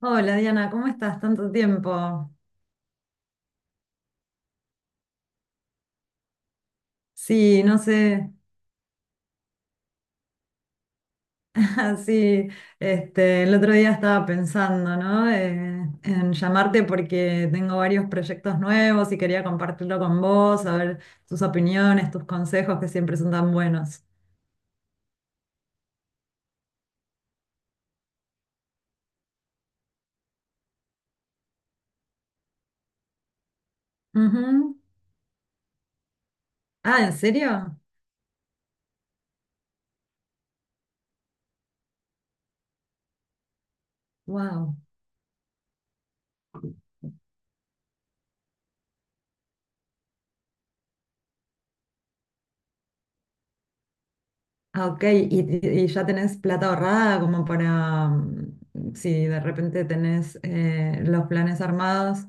Hola Diana, ¿cómo estás? Tanto tiempo. Sí, no sé, sí, el otro día estaba pensando, ¿no? En llamarte porque tengo varios proyectos nuevos y quería compartirlo con vos, a ver tus opiniones, tus consejos que siempre son tan buenos. Ujú. Ah, ¿en serio? Wow. Ah, ok. ¿Y, y ya tenés plata ahorrada como para, mm, si de repente tenés los planes armados?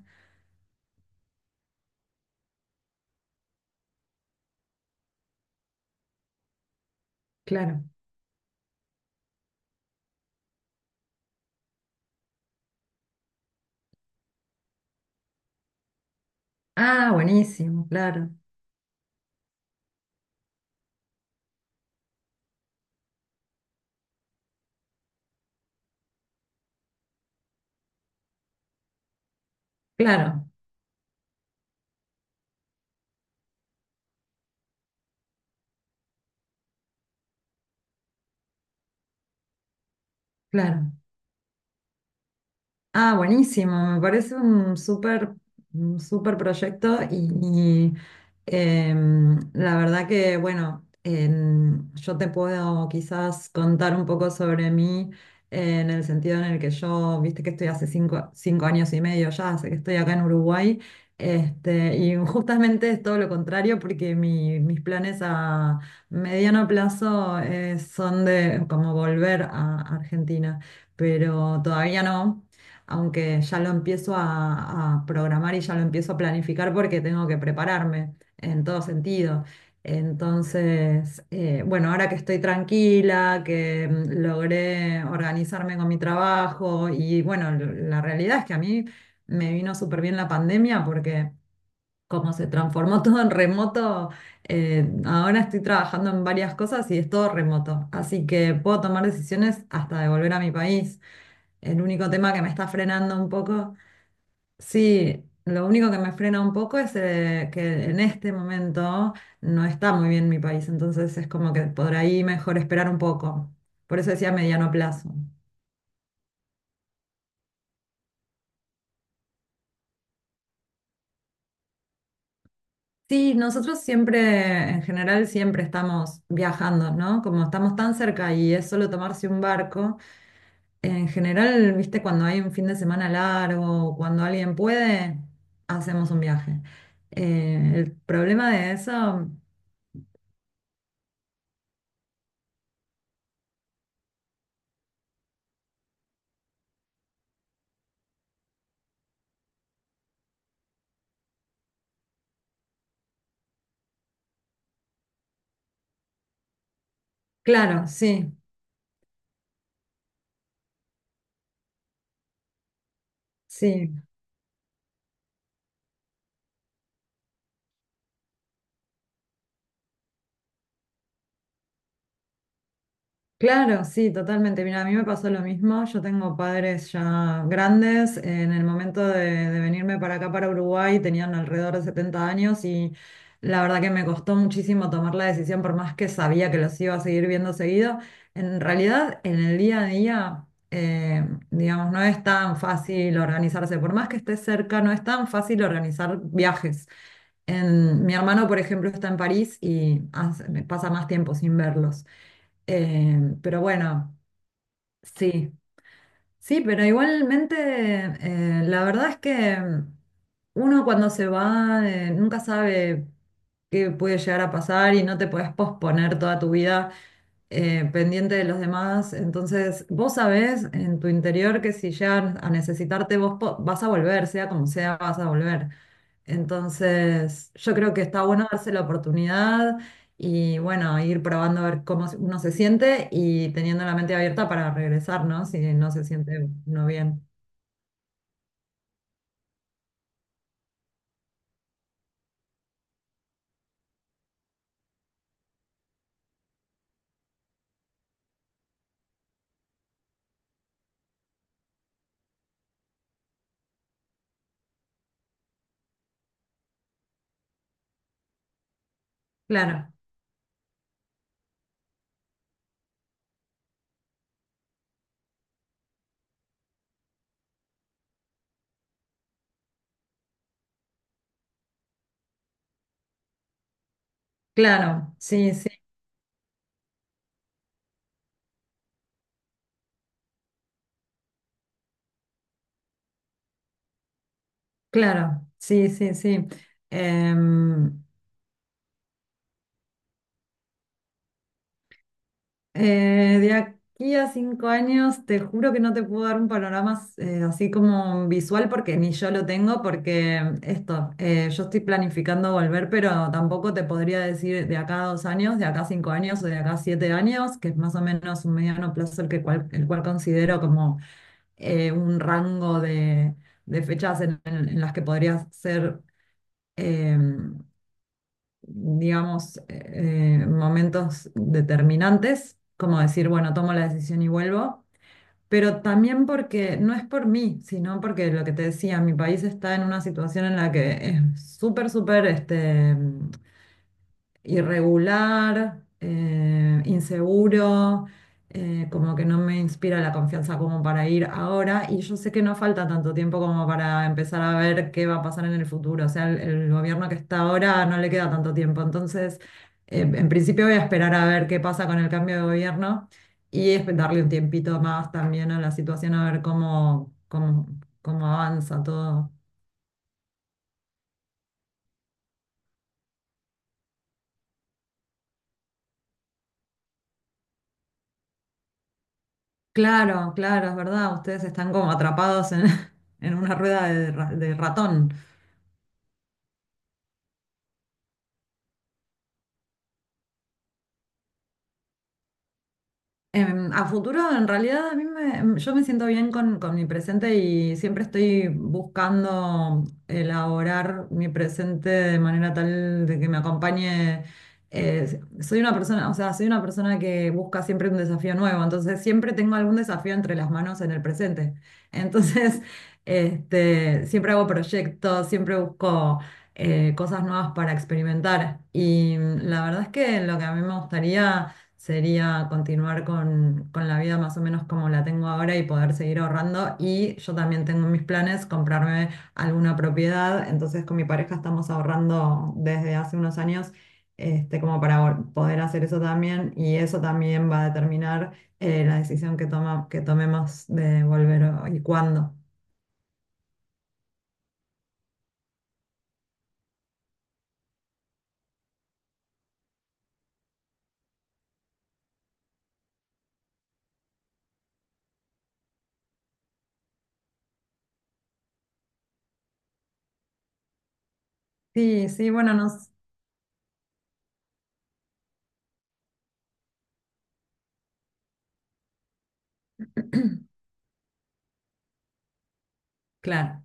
Claro. Ah, buenísimo, claro. Claro, claro. Ah, buenísimo, me parece un súper proyecto y, la verdad que, bueno, yo te puedo quizás contar un poco sobre mí en el sentido en el que yo, viste que estoy hace cinco años y medio ya, hace que estoy acá en Uruguay, y justamente es todo lo contrario porque mis planes a mediano plazo son de como volver a Argentina pero todavía no, aunque ya lo empiezo a programar y ya lo empiezo a planificar porque tengo que prepararme en todo sentido. Entonces, bueno, ahora que estoy tranquila, que mm, logré organizarme con mi trabajo y bueno, la realidad es que a mí me vino súper bien la pandemia porque como se transformó todo en remoto, ahora estoy trabajando en varias cosas y es todo remoto, así que puedo tomar decisiones hasta de volver a mi país. El único tema que me está frenando un poco, sí, lo único que me frena un poco es que en este momento no está muy bien mi país, entonces es como que por ahí mejor esperar un poco. Por eso decía mediano plazo. Sí, nosotros siempre, en general, siempre estamos viajando, ¿no? Como estamos tan cerca y es solo tomarse un barco, en general, viste, cuando hay un fin de semana largo, o cuando alguien puede, hacemos un viaje. El problema de eso... Claro, sí, sí, claro, sí, totalmente. Mira, a mí me pasó lo mismo. Yo tengo padres ya grandes. En el momento de venirme para acá, para Uruguay, tenían alrededor de 70 años y la verdad que me costó muchísimo tomar la decisión, por más que sabía que los iba a seguir viendo seguido. En realidad, en el día a día, digamos, no es tan fácil organizarse. Por más que estés cerca, no es tan fácil organizar viajes. Mi hermano, por ejemplo, está en París y me pasa más tiempo sin verlos. Pero bueno, sí, sí, pero igualmente la verdad es que mm, uno cuando se va nunca sabe qué puede llegar a pasar y no te puedes posponer toda tu vida pendiente de los demás. Entonces, vos sabés en tu interior que si llegan a necesitarte, vas a volver, sea como sea, vas a volver. Entonces, yo creo que está bueno darse la oportunidad y bueno, ir probando a ver cómo uno se siente y teniendo la mente abierta para regresar, ¿no? Si no se siente uno bien. Claro, claro, sí, sí, claro, sí, sí, sí. Em, eh, de aquí a 5 años, te juro que no te puedo dar un panorama así como visual porque ni yo lo tengo, porque esto, yo estoy planificando volver, pero tampoco te podría decir de acá a 2 años, de acá a 5 años o de acá a 7 años, que es más o menos un mediano plazo el que el cual considero como un rango de fechas en, en las que podría ser. Em, digamos, momentos determinantes, como decir, bueno, tomo la decisión y vuelvo, pero también porque no es por mí, sino porque lo que te decía, mi país está en una situación en la que es súper, súper, irregular, inseguro, como que no me inspira la confianza como para ir ahora. Y yo sé que no falta tanto tiempo como para empezar a ver qué va a pasar en el futuro. O sea, el gobierno que está ahora no le queda tanto tiempo. Entonces, en principio voy a esperar a ver qué pasa con el cambio de gobierno y darle un tiempito más también a la situación, a ver cómo, cómo, cómo avanza todo. Claro, claro, es verdad, ustedes están como atrapados en, en una rueda de, de ratón. Em, a futuro, en realidad, a mí me, em, yo me siento bien con mi presente y siempre estoy buscando elaborar mi presente de manera tal de que me acompañe. Soy una persona, o sea, soy una persona que busca siempre un desafío nuevo, entonces siempre tengo algún desafío entre las manos en el presente. Entonces, siempre hago proyectos, siempre busco cosas nuevas para experimentar y mm, la verdad es que lo que a mí me gustaría sería continuar con la vida más o menos como la tengo ahora y poder seguir ahorrando. Y yo también tengo en mis planes comprarme alguna propiedad. Entonces con mi pareja estamos ahorrando desde hace unos años como para poder hacer eso también. Y eso también va a determinar la decisión que que tomemos de volver y cuándo. Sí, sí, bueno, nos, claro,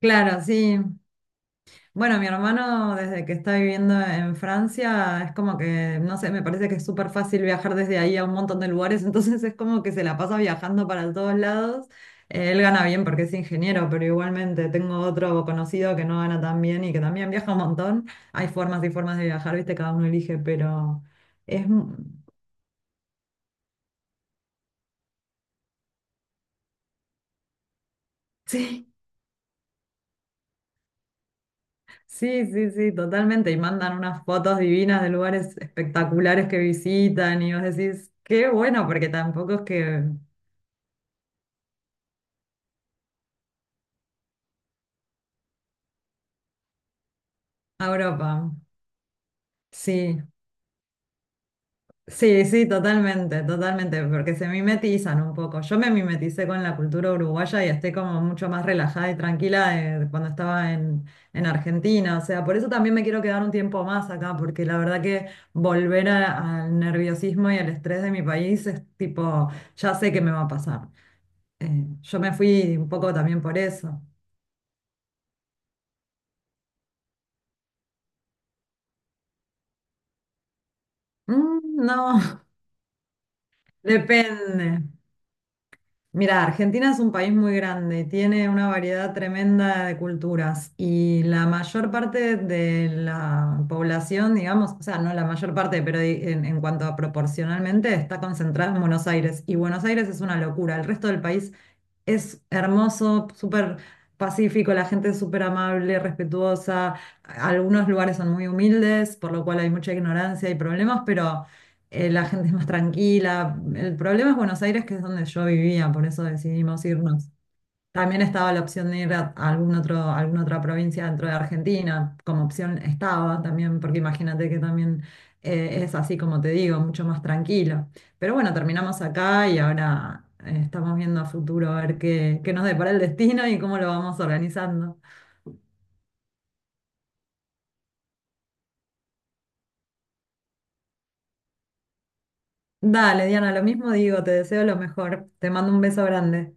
claro, sí. Bueno, mi hermano desde que está viviendo en Francia es como que, no sé, me parece que es súper fácil viajar desde ahí a un montón de lugares, entonces es como que se la pasa viajando para todos lados. Él gana bien porque es ingeniero, pero igualmente tengo otro conocido que no gana tan bien y que también viaja un montón. Hay formas y formas de viajar, viste, cada uno elige, pero es... mu- Sí, sí, sí, sí, totalmente. Y mandan unas fotos divinas de lugares espectaculares que visitan y vos decís, qué bueno, porque tampoco es que... A Europa, sí, sí, sí, totalmente, totalmente, porque se mimetizan un poco. Yo me mimeticé con la cultura uruguaya y estoy como mucho más relajada y tranquila de cuando estaba en Argentina, o sea, por eso también me quiero quedar un tiempo más acá, porque la verdad que volver al nerviosismo y al estrés de mi país es tipo, ya sé que me va a pasar. Yo me fui un poco también por eso. Mm, no, depende. Mira, Argentina es un país muy grande, tiene una variedad tremenda de culturas y la mayor parte de la población, digamos, o sea, no la mayor parte, pero en cuanto a proporcionalmente, está concentrada en Buenos Aires y Buenos Aires es una locura. El resto del país es hermoso, súper pacífico, la gente es súper amable, respetuosa. Algunos lugares son muy humildes, por lo cual hay mucha ignorancia y problemas, pero la gente es más tranquila. El problema es Buenos Aires, que es donde yo vivía, por eso decidimos irnos. También estaba la opción de ir a algún otro, a alguna otra provincia dentro de Argentina, como opción estaba también, porque imagínate que también es así como te digo, mucho más tranquilo. Pero bueno, terminamos acá y ahora estamos viendo a futuro a ver qué, qué nos depara el destino y cómo lo vamos organizando. Dale, Diana, lo mismo digo, te deseo lo mejor. Te mando un beso grande.